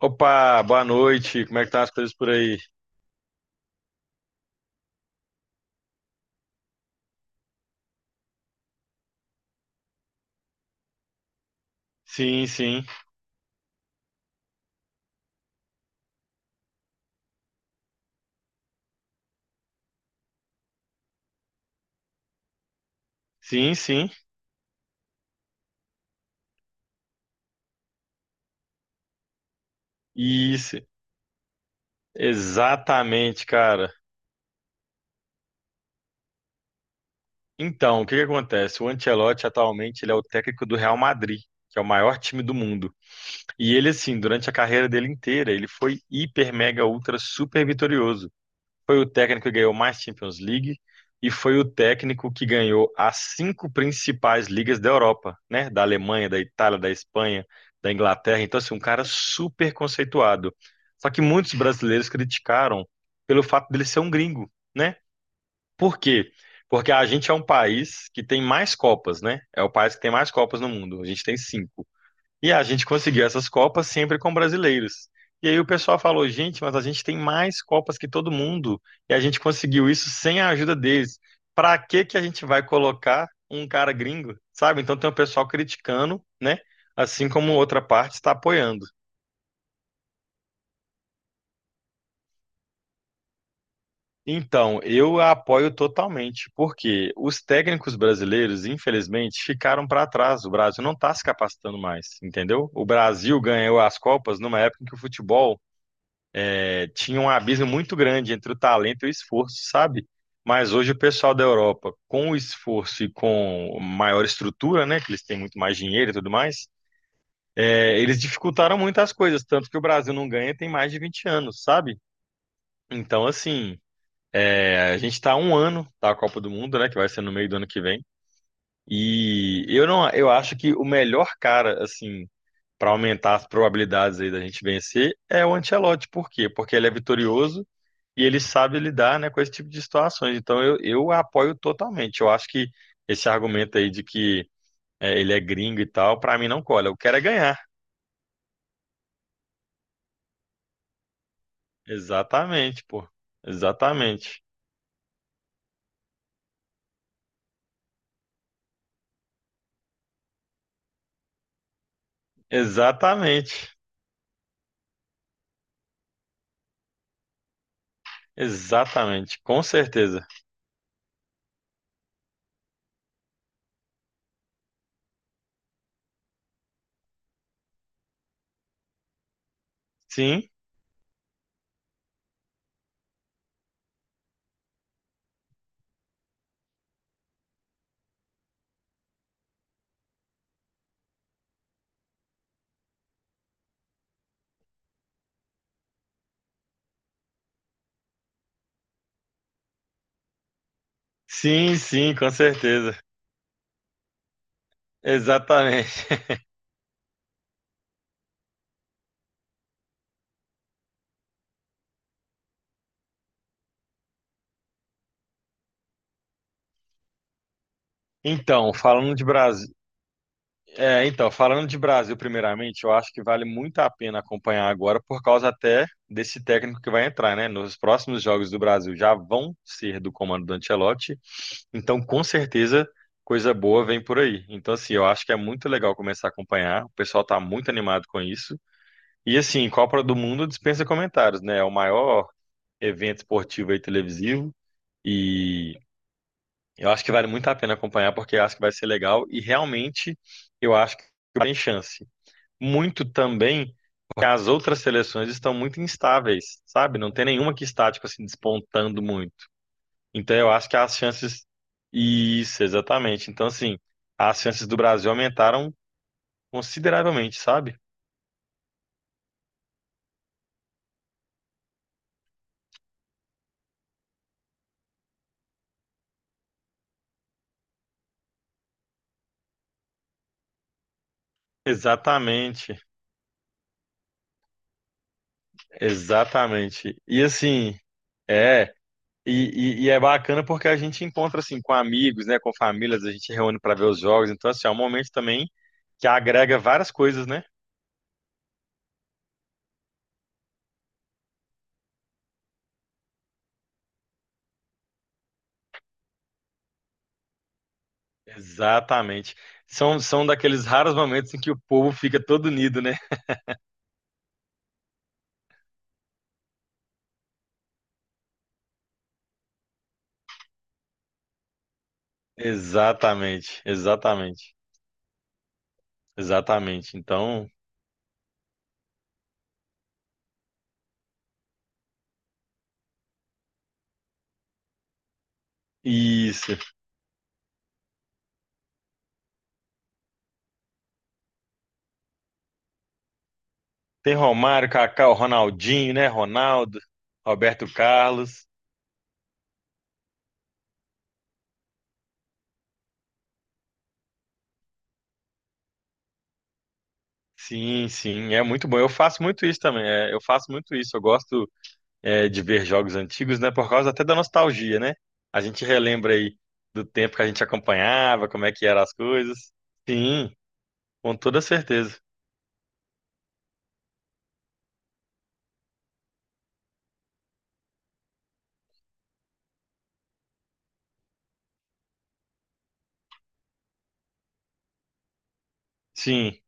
Opa, boa noite. Como é que tá as coisas por aí? Sim, sim. Sim, sim. Isso. Exatamente, cara. Então, o que que acontece? O Ancelotti atualmente ele é o técnico do Real Madrid, que é o maior time do mundo. E ele assim, durante a carreira dele inteira, ele foi hiper mega ultra super vitorioso. Foi o técnico que ganhou mais Champions League e foi o técnico que ganhou as cinco principais ligas da Europa, né? Da Alemanha, da Itália, da Espanha, da Inglaterra. Então, assim, um cara super conceituado. Só que muitos brasileiros criticaram pelo fato dele ser um gringo, né? Por quê? Porque a gente é um país que tem mais Copas, né? É o país que tem mais Copas no mundo. A gente tem cinco. E a gente conseguiu essas Copas sempre com brasileiros. E aí o pessoal falou: gente, mas a gente tem mais Copas que todo mundo e a gente conseguiu isso sem a ajuda deles. Pra que que a gente vai colocar um cara gringo, sabe? Então tem o pessoal criticando, né? Assim como outra parte está apoiando. Então, eu a apoio totalmente, porque os técnicos brasileiros, infelizmente, ficaram para trás. O Brasil não está se capacitando mais, entendeu? O Brasil ganhou as Copas numa época em que o futebol tinha um abismo muito grande entre o talento e o esforço, sabe? Mas hoje o pessoal da Europa, com o esforço e com maior estrutura, né, que eles têm muito mais dinheiro e tudo mais, eles dificultaram muito as coisas, tanto que o Brasil não ganha tem mais de 20 anos, sabe? Então, assim, a gente está um ano da Copa do Mundo, né, que vai ser no meio do ano que vem, e eu não, eu acho que o melhor cara, assim, para aumentar as probabilidades aí da gente vencer é o Ancelotti. Por quê? Porque ele é vitorioso, e ele sabe lidar, né, com esse tipo de situações. Então eu apoio totalmente. Eu acho que esse argumento aí de que ele é gringo e tal, pra mim não cola. Eu quero é ganhar. Exatamente, pô. Exatamente. Exatamente. Exatamente. Com certeza. Sim, sim, sim, com certeza. Exatamente. Então, falando de Brasil, é, então, falando de Brasil, primeiramente, eu acho que vale muito a pena acompanhar agora, por causa até desse técnico que vai entrar, né? Nos próximos jogos do Brasil já vão ser do comando do Ancelotti, então com certeza coisa boa vem por aí. Então, assim, eu acho que é muito legal começar a acompanhar, o pessoal tá muito animado com isso. E, assim, Copa do Mundo dispensa comentários, né? É o maior evento esportivo e televisivo, e eu acho que vale muito a pena acompanhar, porque eu acho que vai ser legal e realmente eu acho que tem chance muito também que as outras seleções estão muito instáveis, sabe? Não tem nenhuma que está, tipo assim, despontando muito. Então eu acho que as chances. Isso, exatamente. Então, assim, as chances do Brasil aumentaram consideravelmente, sabe? Exatamente, exatamente. E assim, é. E, e é bacana porque a gente encontra assim com amigos, né, com famílias, a gente reúne para ver os jogos. Então, assim, é um momento também que agrega várias coisas, né? Exatamente. São daqueles raros momentos em que o povo fica todo unido, né? Exatamente, exatamente, exatamente. Então, isso. Tem Romário, Kaká, Ronaldinho, né? Ronaldo, Roberto Carlos. Sim, sim, é muito bom. Eu faço muito isso também. Eu faço muito isso. Eu gosto de ver jogos antigos, né? Por causa até da nostalgia, né? A gente relembra aí do tempo que a gente acompanhava, como é que eram as coisas. Sim, com toda certeza. Sim.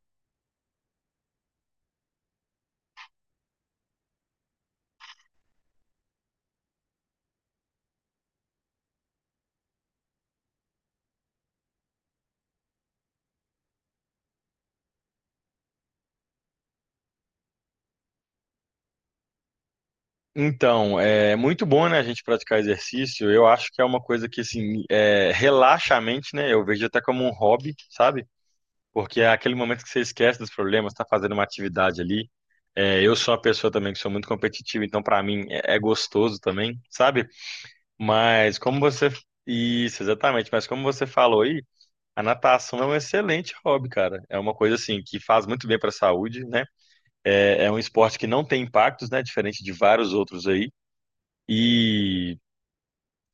Então, é muito bom, né, a gente praticar exercício. Eu acho que é uma coisa que, assim, relaxa a mente, né? Eu vejo até como um hobby, sabe? Porque é aquele momento que você esquece dos problemas, tá fazendo uma atividade ali. Eu sou uma pessoa também que sou muito competitiva, então pra mim é gostoso também, sabe? Mas como você... Isso, exatamente. Mas como você falou aí, a natação é um excelente hobby, cara. É uma coisa, assim, que faz muito bem pra saúde, né? É um esporte que não tem impactos, né? Diferente de vários outros aí e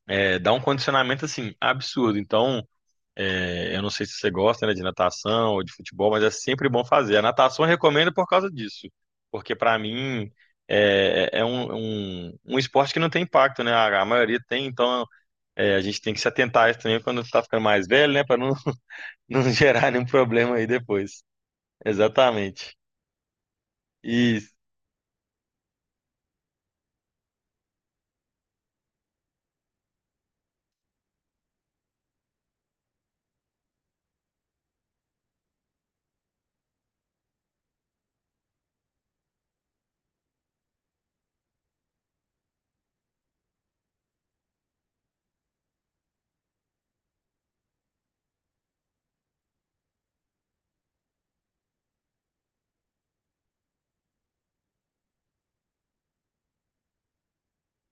dá um condicionamento assim absurdo. Então, eu não sei se você gosta, né, de natação ou de futebol, mas é sempre bom fazer. A natação eu recomendo por causa disso, porque para mim é um esporte que não tem impacto, né? A maioria tem, então a gente tem que se atentar a isso também quando está ficando mais velho, né, para não, não gerar nenhum problema aí depois. Exatamente. Isso,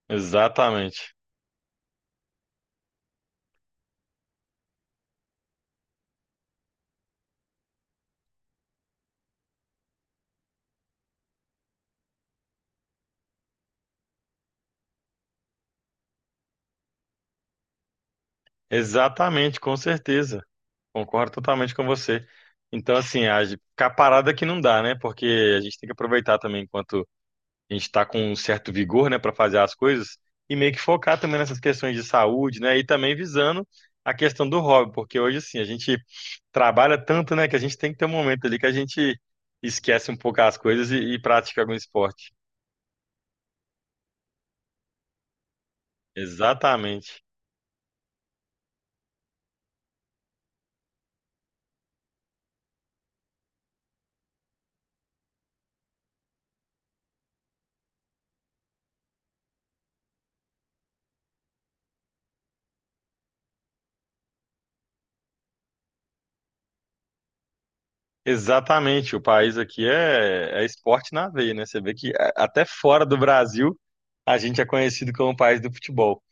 exatamente. Exatamente, com certeza. Concordo totalmente com você. Então, assim, a gente- ficar parado aqui não dá, né? Porque a gente tem que aproveitar também enquanto a gente está com um certo vigor, né, para fazer as coisas e meio que focar também nessas questões de saúde, né? E também visando a questão do hobby, porque hoje, assim, a gente trabalha tanto, né, que a gente tem que ter um momento ali que a gente esquece um pouco as coisas e pratica algum esporte. Exatamente. Exatamente, o país aqui é, é esporte na veia, né? Você vê que a- até fora do Brasil a gente é conhecido como o país do futebol,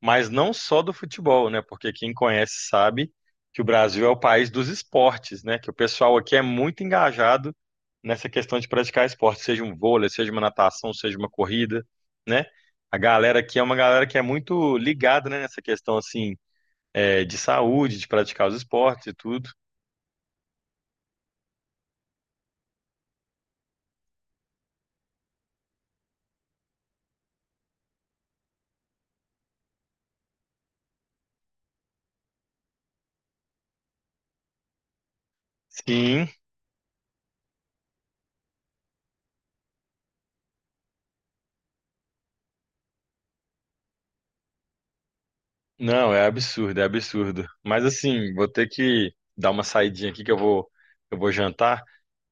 mas não só do futebol, né? Porque quem conhece sabe que o Brasil é o país dos esportes, né? Que o pessoal aqui é muito engajado nessa questão de praticar esporte, seja um vôlei, seja uma natação, seja uma corrida, né? A galera aqui é uma galera que é muito ligada, né? Nessa questão assim, é, de saúde, de praticar os esportes e tudo. Sim. Não, é absurdo, é absurdo. Mas assim, vou ter que dar uma saidinha aqui que eu vou jantar.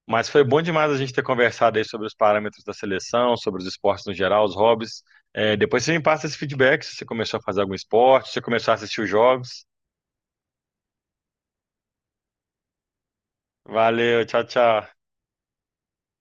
Mas foi bom demais a gente ter conversado aí sobre os parâmetros da seleção, sobre os esportes no geral, os hobbies. É, depois você me passa esse feedback se você começou a fazer algum esporte, se você começou a assistir os jogos. Valeu, tchau, tchau.